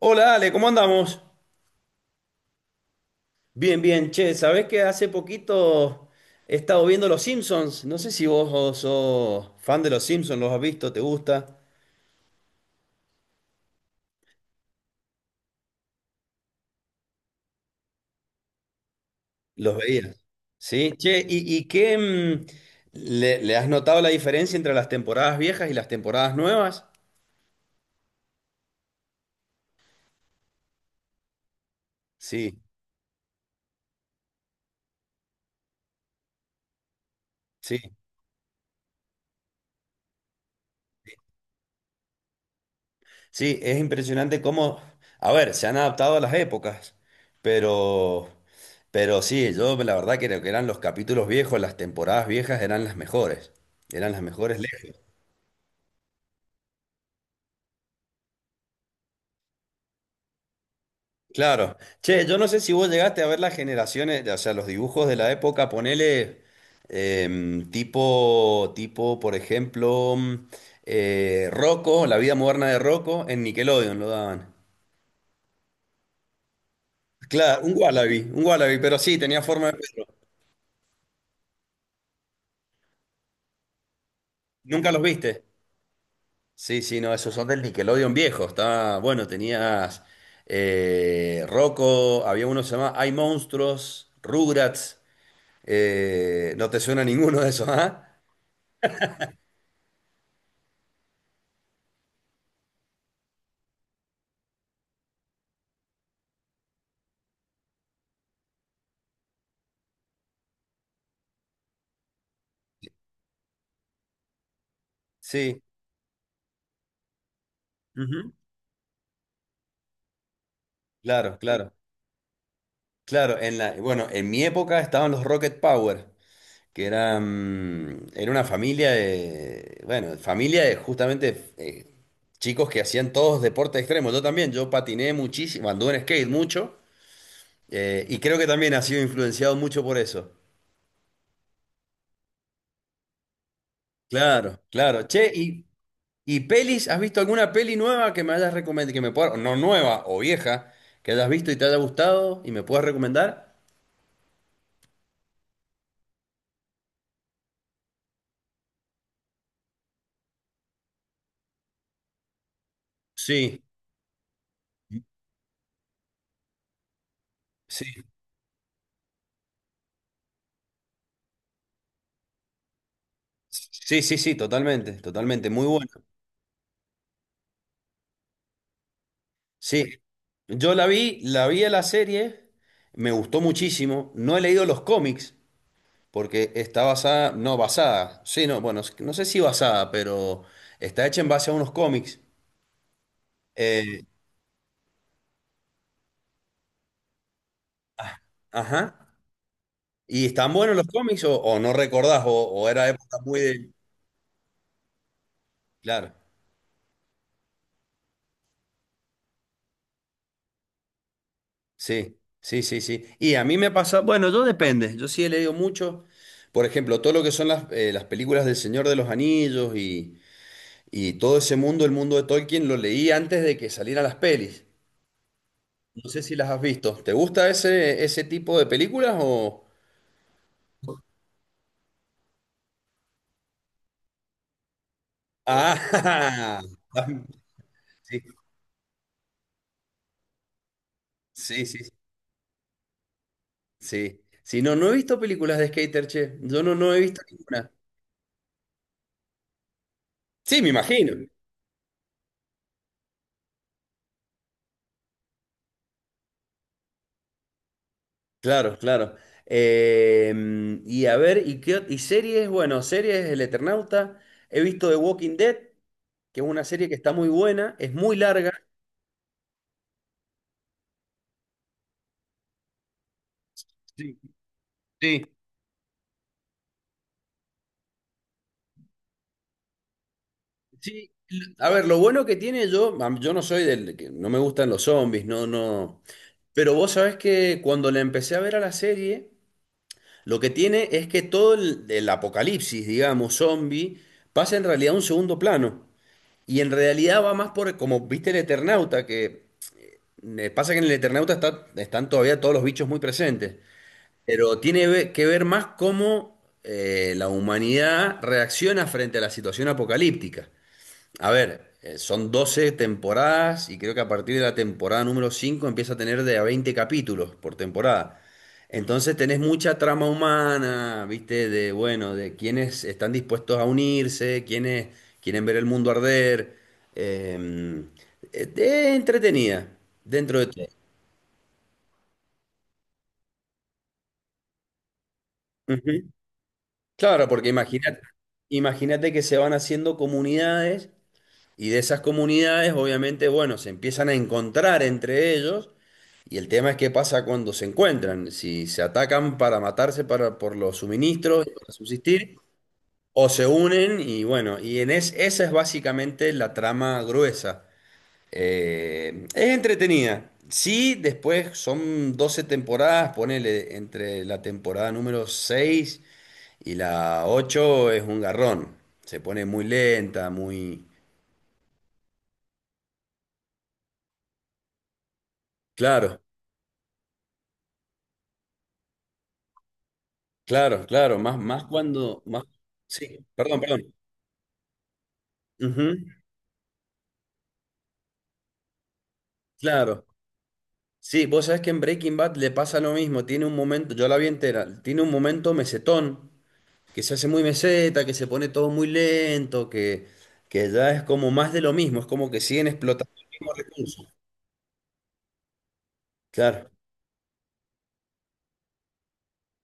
Hola Ale, ¿cómo andamos? Bien, bien, che, ¿sabés que hace poquito he estado viendo Los Simpsons? No sé si vos sos fan de Los Simpsons, ¿los has visto? ¿Te gusta? ¿Los veías? Sí, che, ¿y le has notado la diferencia entre las temporadas viejas y las temporadas nuevas? Sí, sí. Sí, es impresionante cómo, a ver, se han adaptado a las épocas, pero, pero sí, yo la verdad creo que eran los capítulos viejos, las temporadas viejas eran las mejores lejos. Claro. Che, yo no sé si vos llegaste a ver las generaciones, o sea, los dibujos de la época, ponele tipo, por ejemplo, Rocco, La vida moderna de Rocco, en Nickelodeon lo daban. Claro, un Wallaby, pero sí, tenía forma de perro. ¿Nunca los viste? Sí, sí, no, esos son del Nickelodeon viejo. Estaba, bueno, tenías Rocco, había uno que se llamaba Hay Monstruos, Rugrats. No te suena ninguno de esos, ¿ah? Sí. Ujú. Claro, claro. Claro, bueno, en mi época estaban los Rocket Power, era una familia de, bueno, familia de justamente chicos que hacían todos deportes extremos. Yo también, yo patiné muchísimo, anduve en skate mucho. Y creo que también ha sido influenciado mucho por eso. Claro, claro. Che, y pelis, ¿has visto alguna peli nueva que me hayas recomendado, que me pueda, no nueva o vieja, que hayas visto y te haya gustado y me puedas recomendar? Sí, sí, sí, sí, sí, totalmente, totalmente, muy bueno. Sí, yo la vi a la serie, me gustó muchísimo. No he leído los cómics porque está basada, no basada, sí, no, bueno, no sé si basada, pero está hecha en base a unos cómics. Eh, Ajá. ¿Y están buenos los cómics o, no recordás o, era época muy de... Claro, sí, sí, sí, sí. Y a mí me pasa, bueno, yo depende, yo sí he leído mucho, por ejemplo, todo lo que son las películas del Señor de los Anillos y todo ese mundo, el mundo de Tolkien, lo leí antes de que salieran las pelis. No sé si las has visto. ¿Te gusta ese tipo de películas o...? Ah, sí, sí, sí, sí. Sí, no, no he visto películas de skater, che. Yo no he visto ninguna. Sí, me imagino. Claro, claro. Y a ver, ¿y series? Bueno, series El Eternauta. He visto The Walking Dead, que es una serie que está muy buena, es muy larga. Sí, sí. Sí, a ver, lo bueno que tiene yo, yo no soy del que no me gustan los zombies, no, no. Pero vos sabés que cuando la empecé a ver a la serie, lo que tiene es que todo el apocalipsis, digamos, zombie, pasa en realidad a un segundo plano. Y en realidad va más por, como viste el Eternauta, que pasa que en el Eternauta están todavía todos los bichos muy presentes, pero tiene que ver más cómo la humanidad reacciona frente a la situación apocalíptica. A ver, son 12 temporadas y creo que a partir de la temporada número 5 empieza a tener de a 20 capítulos por temporada. Entonces tenés mucha trama humana, ¿viste? Bueno, de quienes están dispuestos a unirse, quienes quieren ver el mundo arder. eh, de entretenida, dentro de todo. Ujú. Claro, porque imagínate, que se van haciendo comunidades. Y de esas comunidades, obviamente, bueno, se empiezan a encontrar entre ellos. Y el tema es qué pasa cuando se encuentran, si se atacan para matarse para, por los suministros, para subsistir, o se unen y bueno, y esa es básicamente la trama gruesa. Es entretenida. Sí, después son 12 temporadas, ponele entre la temporada número 6 y la 8 es un garrón. Se pone muy lenta, muy. Claro, claro, claro, más cuando, más, sí, perdón, perdón. Ujú, claro. Sí, vos sabés que en Breaking Bad le pasa lo mismo, tiene un momento, yo la vi entera, tiene un momento mesetón, que se hace muy meseta, que se pone todo muy lento, que ya es como más de lo mismo, es como que siguen explotando el mismo recurso. Claro.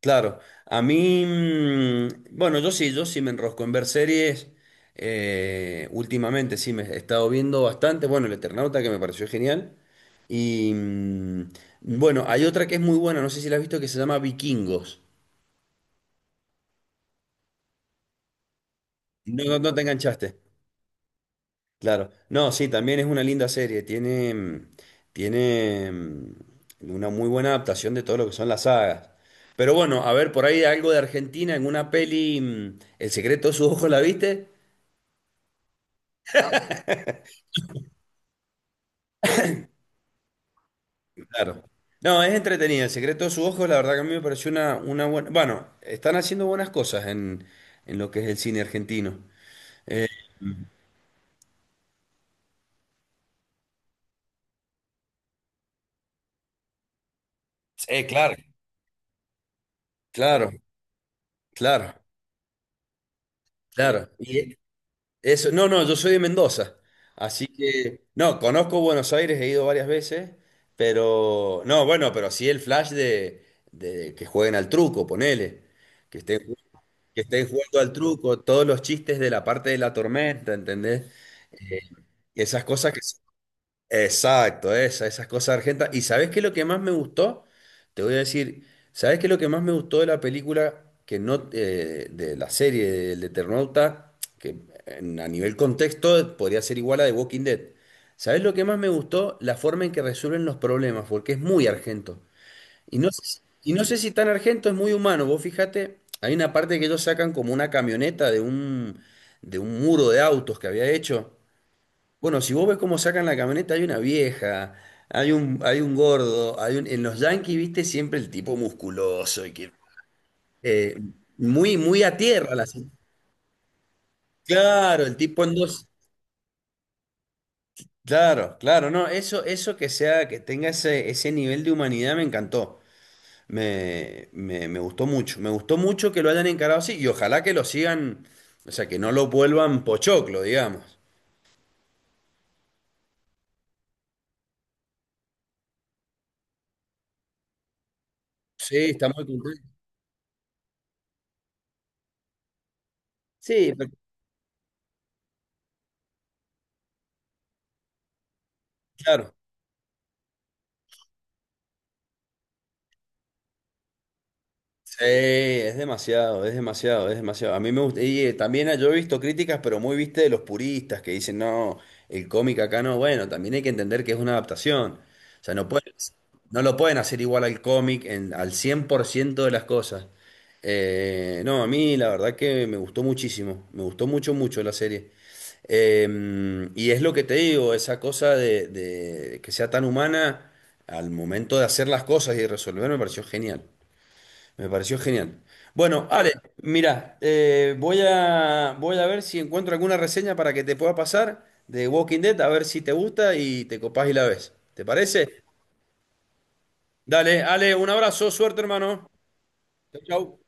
Claro, a mí, bueno, yo sí, me enrosco en ver series. Últimamente sí me he estado viendo bastante. Bueno, El Eternauta que me pareció genial. Y bueno, hay otra que es muy buena, no sé si la has visto, que se llama Vikingos. No, no, no te enganchaste. Claro. No, sí, también es una linda serie. Tiene una muy buena adaptación de todo lo que son las sagas. Pero bueno, a ver, por ahí algo de Argentina en una peli, El secreto de sus ojos, ¿la viste? Claro. No, es entretenido. El secreto de sus ojos, la verdad que a mí me pareció una buena. Bueno, están haciendo buenas cosas en lo que es el cine argentino. Sí, claro. Claro, claro, claro. Y eso, no, no, yo soy de Mendoza. Así que, no, conozco Buenos Aires, he ido varias veces, pero, no, bueno, pero sí el flash de que jueguen al truco, ponele. Que estén, ju- que estén jugando al truco, todos los chistes de la parte de la tormenta, ¿entendés? Eh, esas cosas Exacto, esas cosas argentas. ¿Y sabes qué es lo que más me gustó? Te voy a decir, ¿sabes qué es lo que más me gustó de la película, que no, de la serie del Eternauta, que a nivel contexto podría ser igual a The Walking Dead? ¿Sabes lo que más me gustó? La forma en que resuelven los problemas, porque es muy argento. Y no, sé si- y no sé si tan argento es muy humano. Vos fíjate, hay una parte que ellos sacan como una camioneta de un muro de autos que había hecho. Bueno, si vos ves cómo sacan la camioneta, hay una vieja, hay un gordo, en los Yankees, viste, siempre el tipo musculoso y que eh, muy, muy a tierra Claro, el tipo en dos. Claro, claro, no, eso que sea, que tenga ese nivel de humanidad me encantó. Me gustó mucho. Me gustó mucho que lo hayan encarado así y ojalá que lo sigan, o sea, que no lo vuelvan pochoclo, digamos. Sí, está muy contento. Sí, claro. Sí, es demasiado, es demasiado, es demasiado. A mí me gusta, y también yo he visto críticas, pero muy viste de los puristas que dicen, no, el cómic acá no, bueno, también hay que entender que es una adaptación. O sea, no lo pueden hacer igual al cómic al 100% de las cosas. No, a mí la verdad que me gustó muchísimo, me gustó mucho, mucho la serie. Y es lo que te digo, esa cosa de que sea tan humana al momento de hacer las cosas y de resolver me pareció genial. Me pareció genial. Bueno, Ale, mira, voy a, ver si encuentro alguna reseña para que te pueda pasar de Walking Dead, a ver si te gusta y te copás y la ves. ¿Te parece? Dale, Ale, un abrazo, suerte, hermano. Chau, chau.